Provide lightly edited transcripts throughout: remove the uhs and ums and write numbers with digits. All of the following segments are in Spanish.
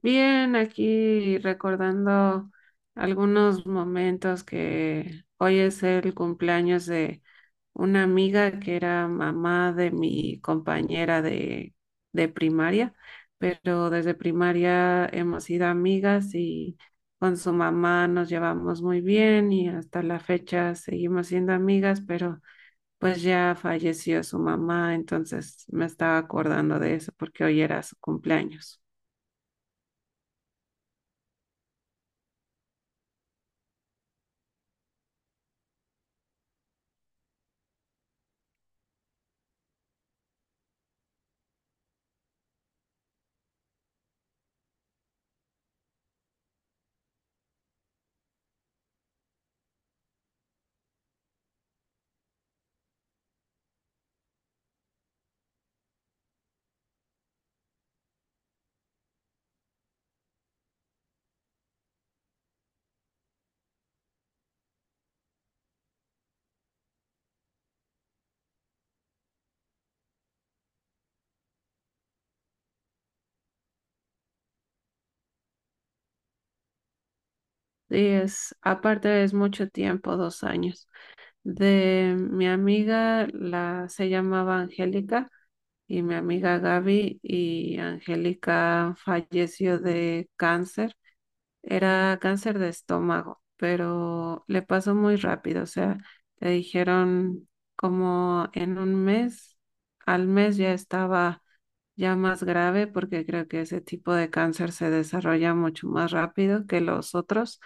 Bien, aquí recordando algunos momentos que hoy es el cumpleaños de una amiga que era mamá de mi compañera de primaria, pero desde primaria hemos sido amigas y con su mamá nos llevamos muy bien y hasta la fecha seguimos siendo amigas, pero pues ya falleció su mamá, entonces me estaba acordando de eso porque hoy era su cumpleaños. Es, aparte es mucho tiempo, 2 años. De mi amiga, la se llamaba Angélica y mi amiga Gaby y Angélica falleció de cáncer. Era cáncer de estómago, pero le pasó muy rápido. O sea, le dijeron como en un mes, al mes ya estaba ya más grave, porque creo que ese tipo de cáncer se desarrolla mucho más rápido que los otros.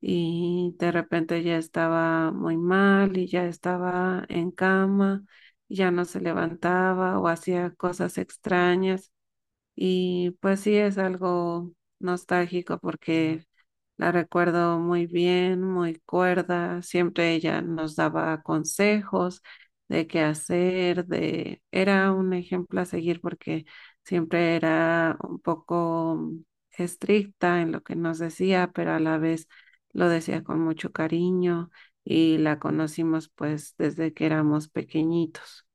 Y de repente ya estaba muy mal y ya estaba en cama, ya no se levantaba o hacía cosas extrañas. Y pues sí es algo nostálgico porque la recuerdo muy bien, muy cuerda. Siempre ella nos daba consejos de qué hacer, de... Era un ejemplo a seguir porque siempre era un poco estricta en lo que nos decía, pero a la vez lo decía con mucho cariño y la conocimos pues desde que éramos pequeñitos.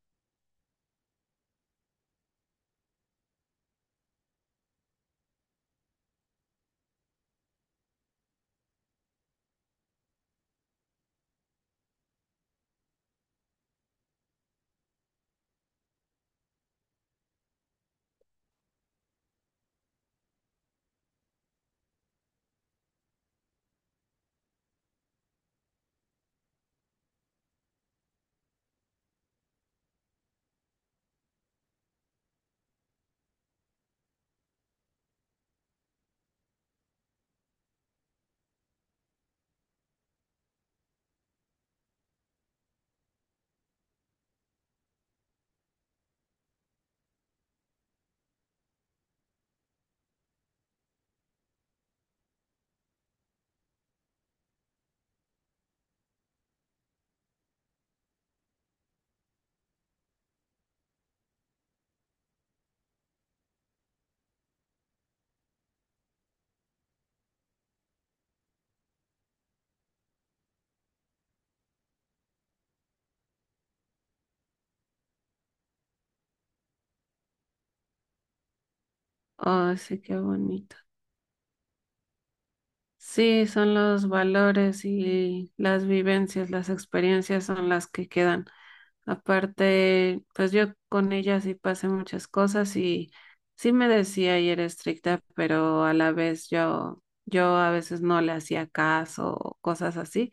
Oh, sí, qué bonito. Sí, son los valores y las vivencias, las experiencias son las que quedan. Aparte, pues yo con ella sí pasé muchas cosas y sí me decía y era estricta, pero a la vez yo a veces no le hacía caso o cosas así.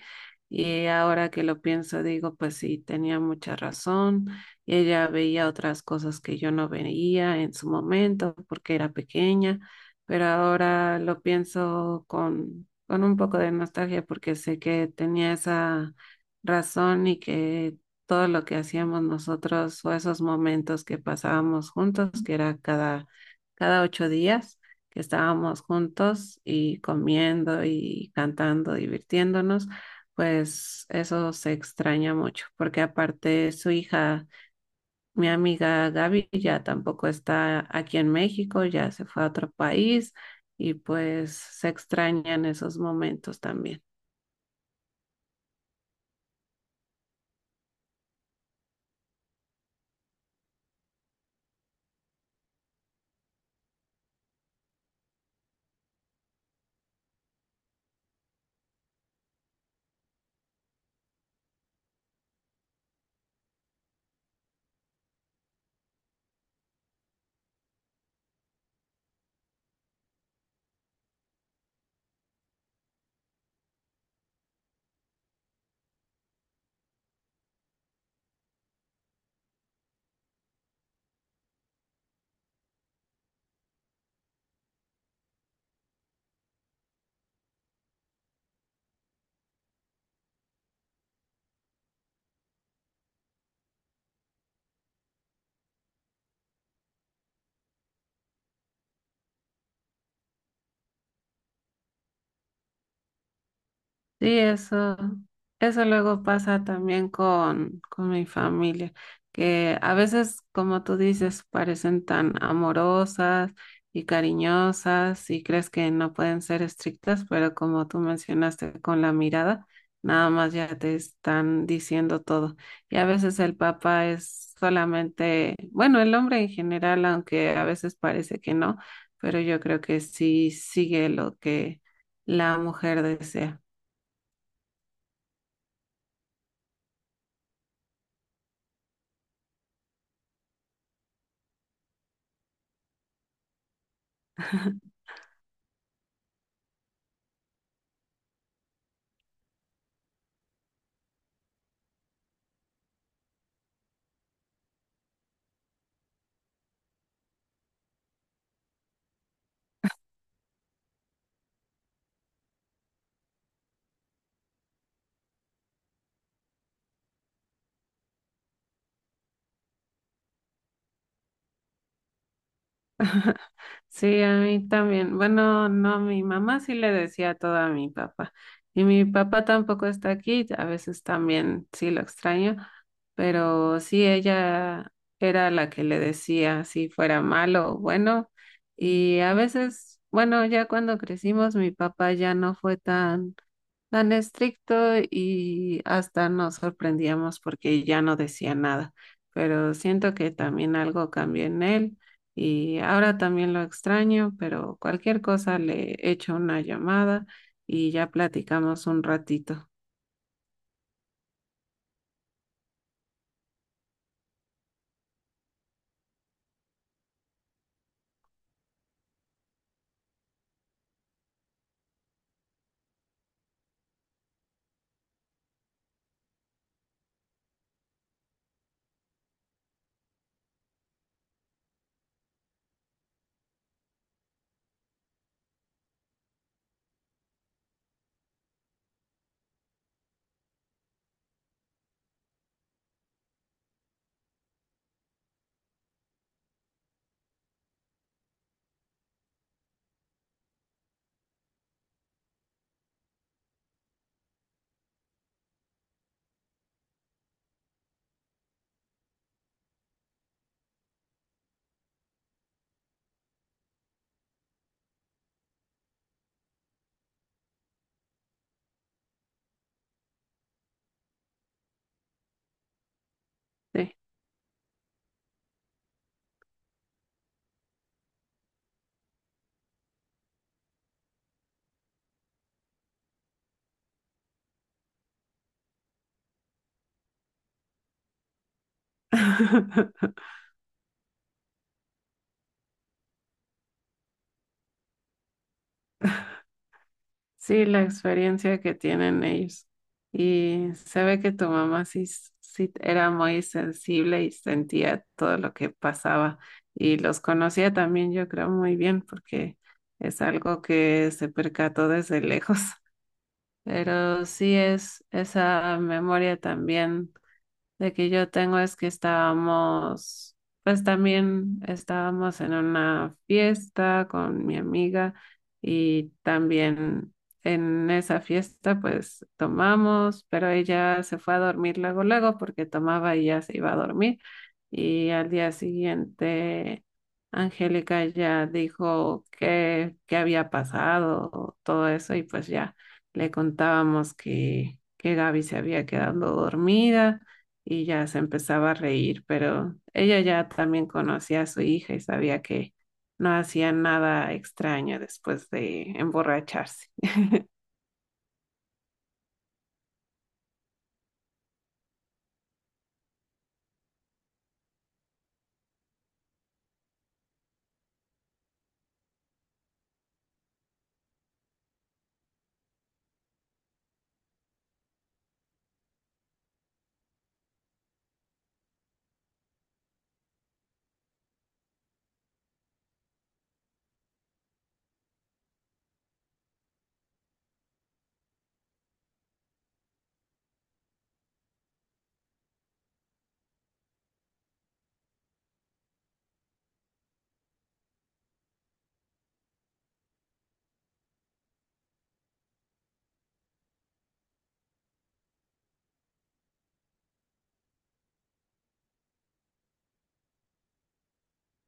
Y ahora que lo pienso, digo, pues sí, tenía mucha razón. Y ella veía otras cosas que yo no veía en su momento porque era pequeña, pero ahora lo pienso con un poco de nostalgia porque sé que tenía esa razón y que todo lo que hacíamos nosotros o esos momentos que pasábamos juntos, que era cada 8 días que estábamos juntos y comiendo y cantando, divirtiéndonos, pues eso se extraña mucho, porque aparte su hija, mi amiga Gaby, ya tampoco está aquí en México, ya se fue a otro país y pues se extrañan esos momentos también. Sí, eso luego pasa también con mi familia, que a veces, como tú dices, parecen tan amorosas y cariñosas y crees que no pueden ser estrictas, pero como tú mencionaste con la mirada, nada más ya te están diciendo todo. Y a veces el papá es solamente, bueno, el hombre en general, aunque a veces parece que no, pero yo creo que sí sigue lo que la mujer desea. Sí, a mí también. Bueno, no, mi mamá sí le decía todo a mi papá. Y mi papá tampoco está aquí, a veces también sí lo extraño, pero sí ella era la que le decía si fuera malo o bueno. Y a veces, bueno, ya cuando crecimos, mi papá ya no fue tan estricto y hasta nos sorprendíamos porque ya no decía nada, pero siento que también algo cambió en él y ahora también lo extraño, pero cualquier cosa le echo una llamada y ya platicamos un ratito. Sí. Sí, la experiencia que tienen ellos. Y se ve que tu mamá sí, sí era muy sensible y sentía todo lo que pasaba. Y los conocía también, yo creo, muy bien, porque es algo que se percató desde lejos. Pero sí es esa memoria también de que yo tengo es que estábamos, pues también estábamos en una fiesta con mi amiga y también en esa fiesta pues tomamos, pero ella se fue a dormir luego, luego porque tomaba y ya se iba a dormir y al día siguiente Angélica ya dijo que, qué había pasado, todo eso y pues ya le contábamos que Gaby se había quedado dormida y ya se empezaba a reír, pero ella ya también conocía a su hija y sabía que no hacía nada extraño después de emborracharse.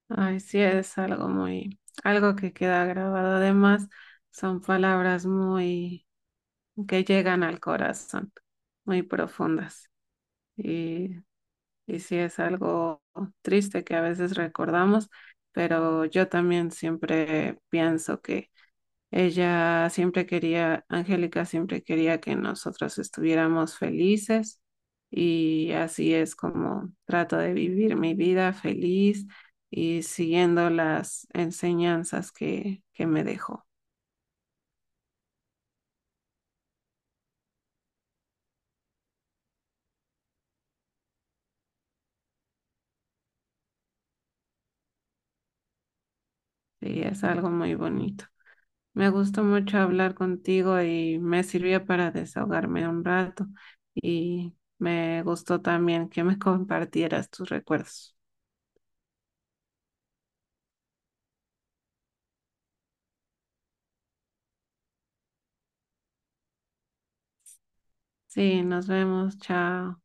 Ay, sí, es algo muy, algo que queda grabado. Además, son palabras muy, que llegan al corazón, muy profundas. Y, y sí, es algo triste que a veces recordamos, pero yo también siempre pienso que ella siempre quería, Angélica siempre quería que nosotros estuviéramos felices y así es como trato de vivir mi vida feliz y siguiendo las enseñanzas que me dejó. Y es algo muy bonito. Me gustó mucho hablar contigo y me sirvió para desahogarme un rato y me gustó también que me compartieras tus recuerdos. Sí, nos vemos, chao.